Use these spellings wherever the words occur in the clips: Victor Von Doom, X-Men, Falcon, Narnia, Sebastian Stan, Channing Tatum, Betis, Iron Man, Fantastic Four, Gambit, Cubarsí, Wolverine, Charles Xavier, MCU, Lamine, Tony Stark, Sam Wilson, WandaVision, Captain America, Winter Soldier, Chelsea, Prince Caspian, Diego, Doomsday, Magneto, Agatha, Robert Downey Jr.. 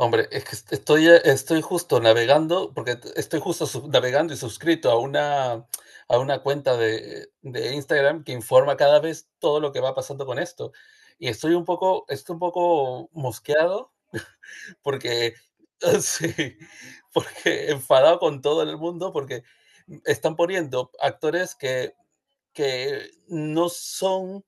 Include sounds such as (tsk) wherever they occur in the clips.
Hombre, es que estoy justo navegando, porque estoy justo navegando y suscrito a una cuenta de Instagram que informa cada vez todo lo que va pasando con esto. Y estoy un poco mosqueado porque, (laughs) sí, porque enfadado con todo el mundo, porque están poniendo actores que no son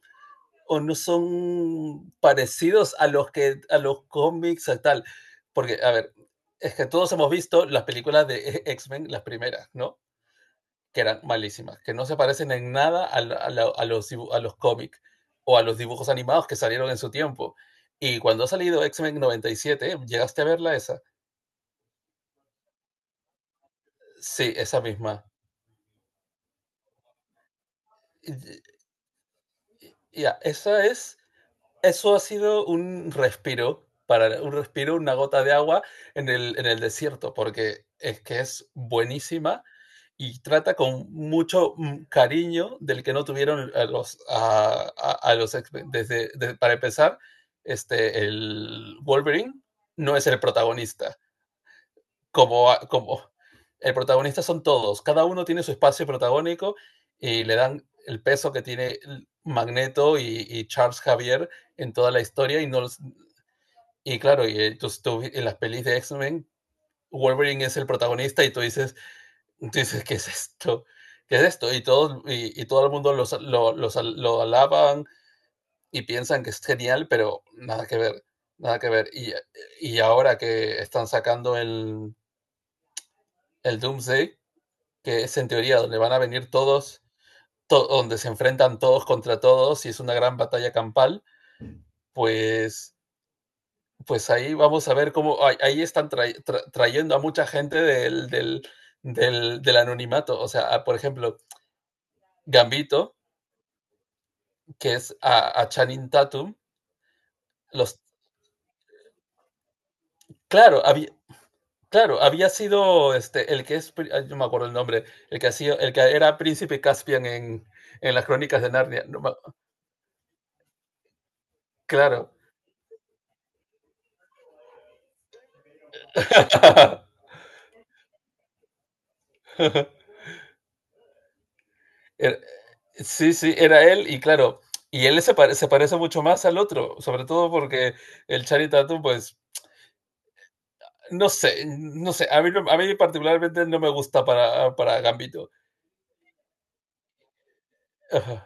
o no son parecidos a los que a los cómics a tal, porque a ver, es que todos hemos visto las películas de (laughs) X-Men, las primeras, ¿no? Que eran malísimas, que no se parecen en nada a los cómics o a los dibujos animados que salieron en su tiempo. Y cuando ha salido X-Men 97, ¿llegaste a verla esa? Sí, esa misma. Ya, yeah, esa es. Eso ha sido un respiro, un respiro, una gota de agua en el desierto, porque es que es buenísima y trata con mucho cariño del que no tuvieron a los para empezar, el Wolverine no es el protagonista como el protagonista. Son todos, cada uno tiene su espacio protagónico y le dan el peso que tiene Magneto y Charles Javier en toda la historia. Y no, y claro, y tú, en las pelis de X-Men Wolverine es el protagonista y tú dices ¿qué es esto? ¿Qué es esto? Y, todos, y todo el mundo lo alaban y piensan que es genial, pero nada que ver, nada que ver. Y ahora que están sacando el Doomsday, que es en teoría donde van a venir todos, to donde se enfrentan todos contra todos y es una gran batalla campal, pues, pues ahí vamos a ver cómo, ahí, están trayendo a mucha gente del anonimato. O sea, por ejemplo, Gambito, que es a Channing Tatum, los, claro, había, claro, había sido el que es, no me acuerdo el nombre, el que, ha sido, el que era príncipe Caspian en las crónicas de Narnia. No, me, claro. (laughs) Era- sí, sí, era él y claro, y él se parece mucho más al otro, sobre todo porque el Channing Tatum, pues, no sé, a mí particularmente no me gusta para Gambito. Ajá.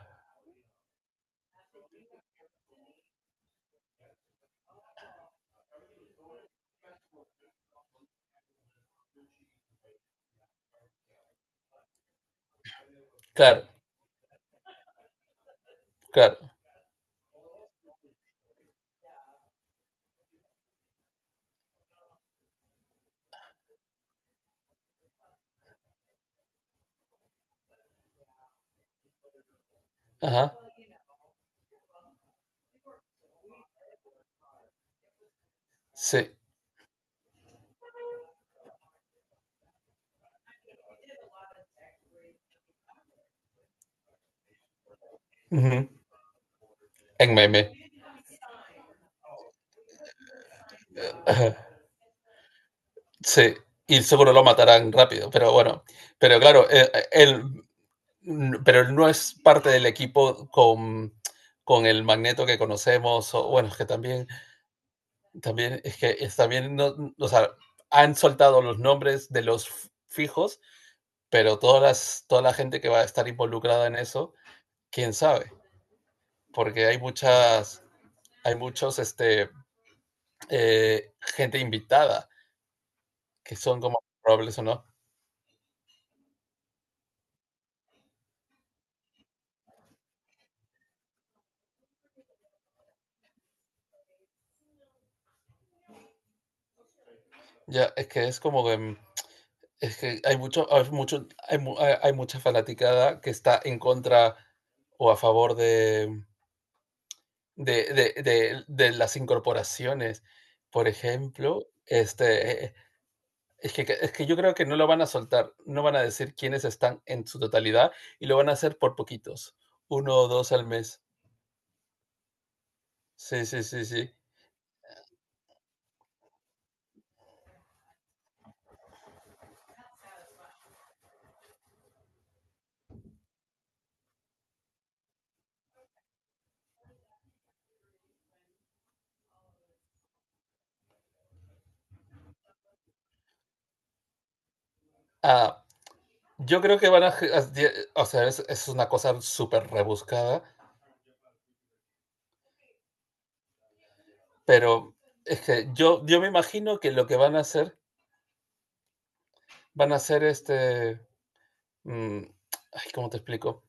Claro, claro. Ajá. Sí. Ujú. En meme. Ajá. Sí. Y seguro lo matarán rápido, pero bueno, pero claro, pero él no es parte del equipo con el Magneto que conocemos, o bueno, que también... También es que es, también no, o sea, han soltado los nombres de los fijos, pero toda la gente que va a estar involucrada en eso, quién sabe, porque hay muchos, gente invitada que son como probables o no. Ya, es que es como que, es que hay mucho, hay mucho, hay, mu- hay hay mucha fanaticada que está en contra o a favor de las incorporaciones. Por ejemplo, es que yo creo que no lo van a soltar, no van a decir quiénes están en su totalidad y lo van a hacer por poquitos, 1 o 2 al mes. Sí, sí, sí, sí. Ah, yo creo que van a, o sea, es una cosa súper rebuscada, pero es que yo me imagino que lo que van a hacer, van a hacer este, mm, ay, ¿cómo te explico?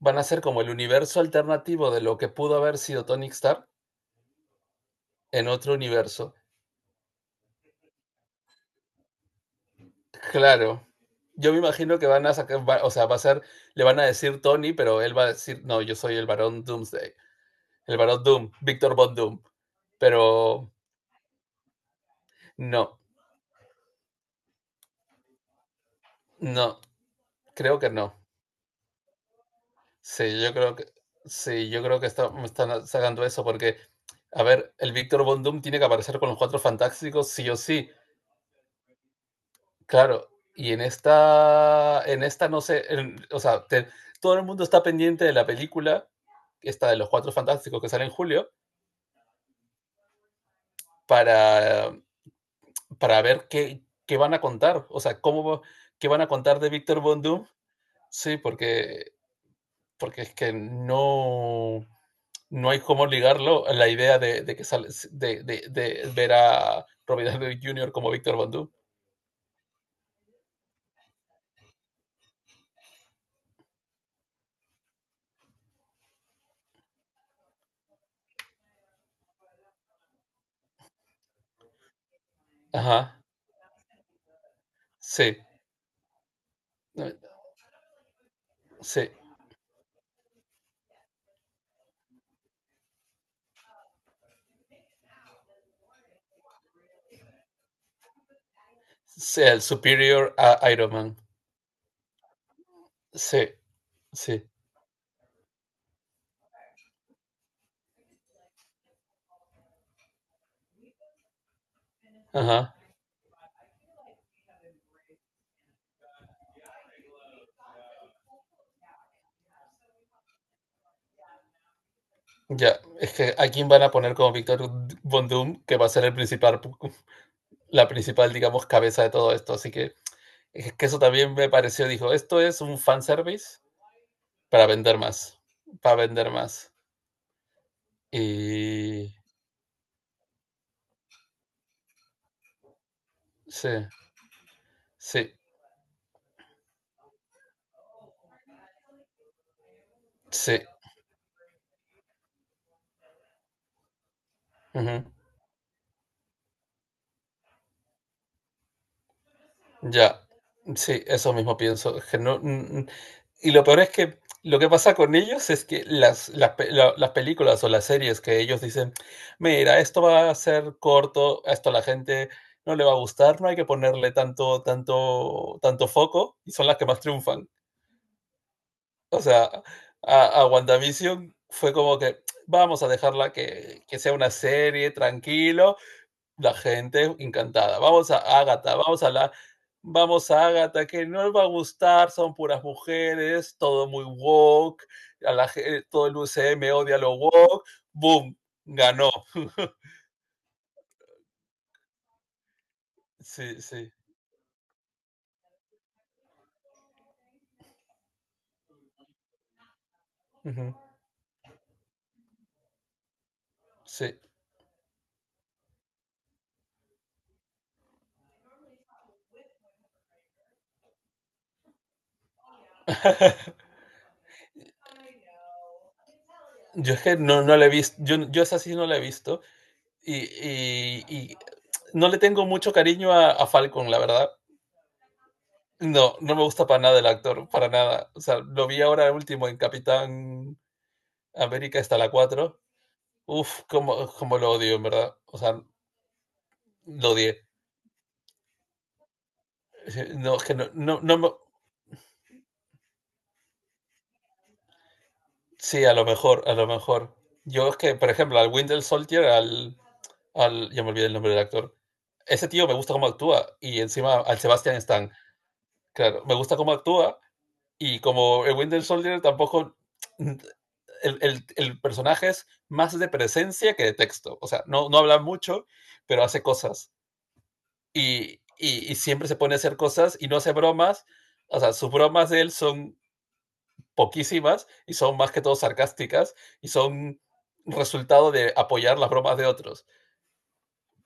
Van a ser como el universo alternativo de lo que pudo haber sido Tony Stark en otro universo. Claro. Yo me imagino que van a sacar, o sea, va a ser, le van a decir Tony, pero él va a decir, no, yo soy el Barón Doomsday, el Barón Doom, Víctor Von Doom. Pero no, no, creo que no. Sí, yo creo que, sí, yo creo que me están sacando eso porque, a ver, el Víctor Von Doom tiene que aparecer con los cuatro fantásticos sí o sí. Claro, y en esta no sé, o sea, todo el mundo está pendiente de la película, esta de los Cuatro Fantásticos que sale en julio, para, para ver qué van a contar, o sea, qué van a contar de Víctor Von Doom. Sí, porque es que no, no hay cómo ligarlo a la idea de que sale, de ver a Robert Downey Junior como Víctor Von Doom. Ajá, sí, eh, sí, sí, el superior a Iron Man. Sí, sí. Ajá. Ya, es que a quién van a poner como Víctor Von Doom, que va a ser el principal, la principal, digamos, cabeza de todo esto. Así que es que eso también me pareció, dijo, esto es un fanservice para vender más, para vender más. Y sí, sí, sí. Ujú. Ya, sí, eso mismo pienso. Es que no, y lo peor es que lo que pasa con ellos es que las películas o las series que ellos dicen, mira, esto va a ser corto, a esto a la gente no le va a gustar, no hay que ponerle tanto, tanto, tanto foco, y son las que más triunfan. O sea, a WandaVision fue como que (tsk) vamos a dejarla que sea una serie, tranquilo, la gente encantada. Vamos a Ágata, vamos a Ágata, que no les va a gustar, son puras mujeres, todo muy woke, todo el UCM odia lo woke, boom, ganó. Sí, sí. Ujú. Sí. (laughs) Yo es que no, no la he visto, yo esa sí no la he visto y no le tengo mucho cariño a Falcon, la verdad. No, no me gusta para nada el actor, para nada. O sea, lo vi ahora último en Capitán América está la 4. Uf, como lo odio, en verdad. O sea, lo odié. Sí, no, es que no, no, no Sí, a lo mejor, a lo mejor. Yo es que, por ejemplo, al Winter Soldier, al, al. Ya me olvidé el nombre del actor. Ese tío me gusta cómo actúa. Y encima al Sebastian Stan. Claro, me gusta cómo actúa. Y como el Winter Soldier tampoco. El personaje es más de presencia que de texto. O sea, no, no habla mucho, pero hace cosas. y, y siempre se pone a hacer cosas y no hace bromas. O sea, sus bromas de él son poquísimas y son más que todo sarcásticas y son resultado de apoyar las bromas de otros.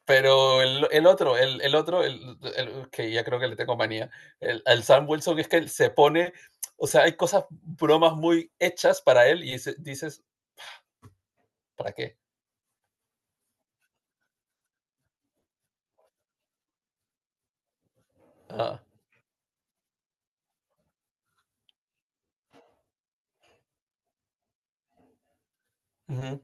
Pero el otro, que ya creo que le tengo manía, el Sam Wilson, es que él se pone, o sea, hay cosas, bromas muy hechas para él y dices, ¿para qué? Ah, uh -huh,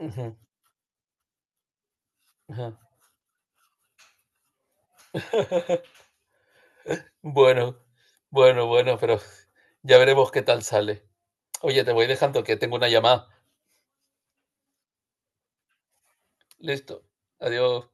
uh -huh, uh -huh. Bueno, bueno, bueno, pero ya veremos qué tal sale. Oye, te voy dejando que tengo una llamada. Listo. Adiós.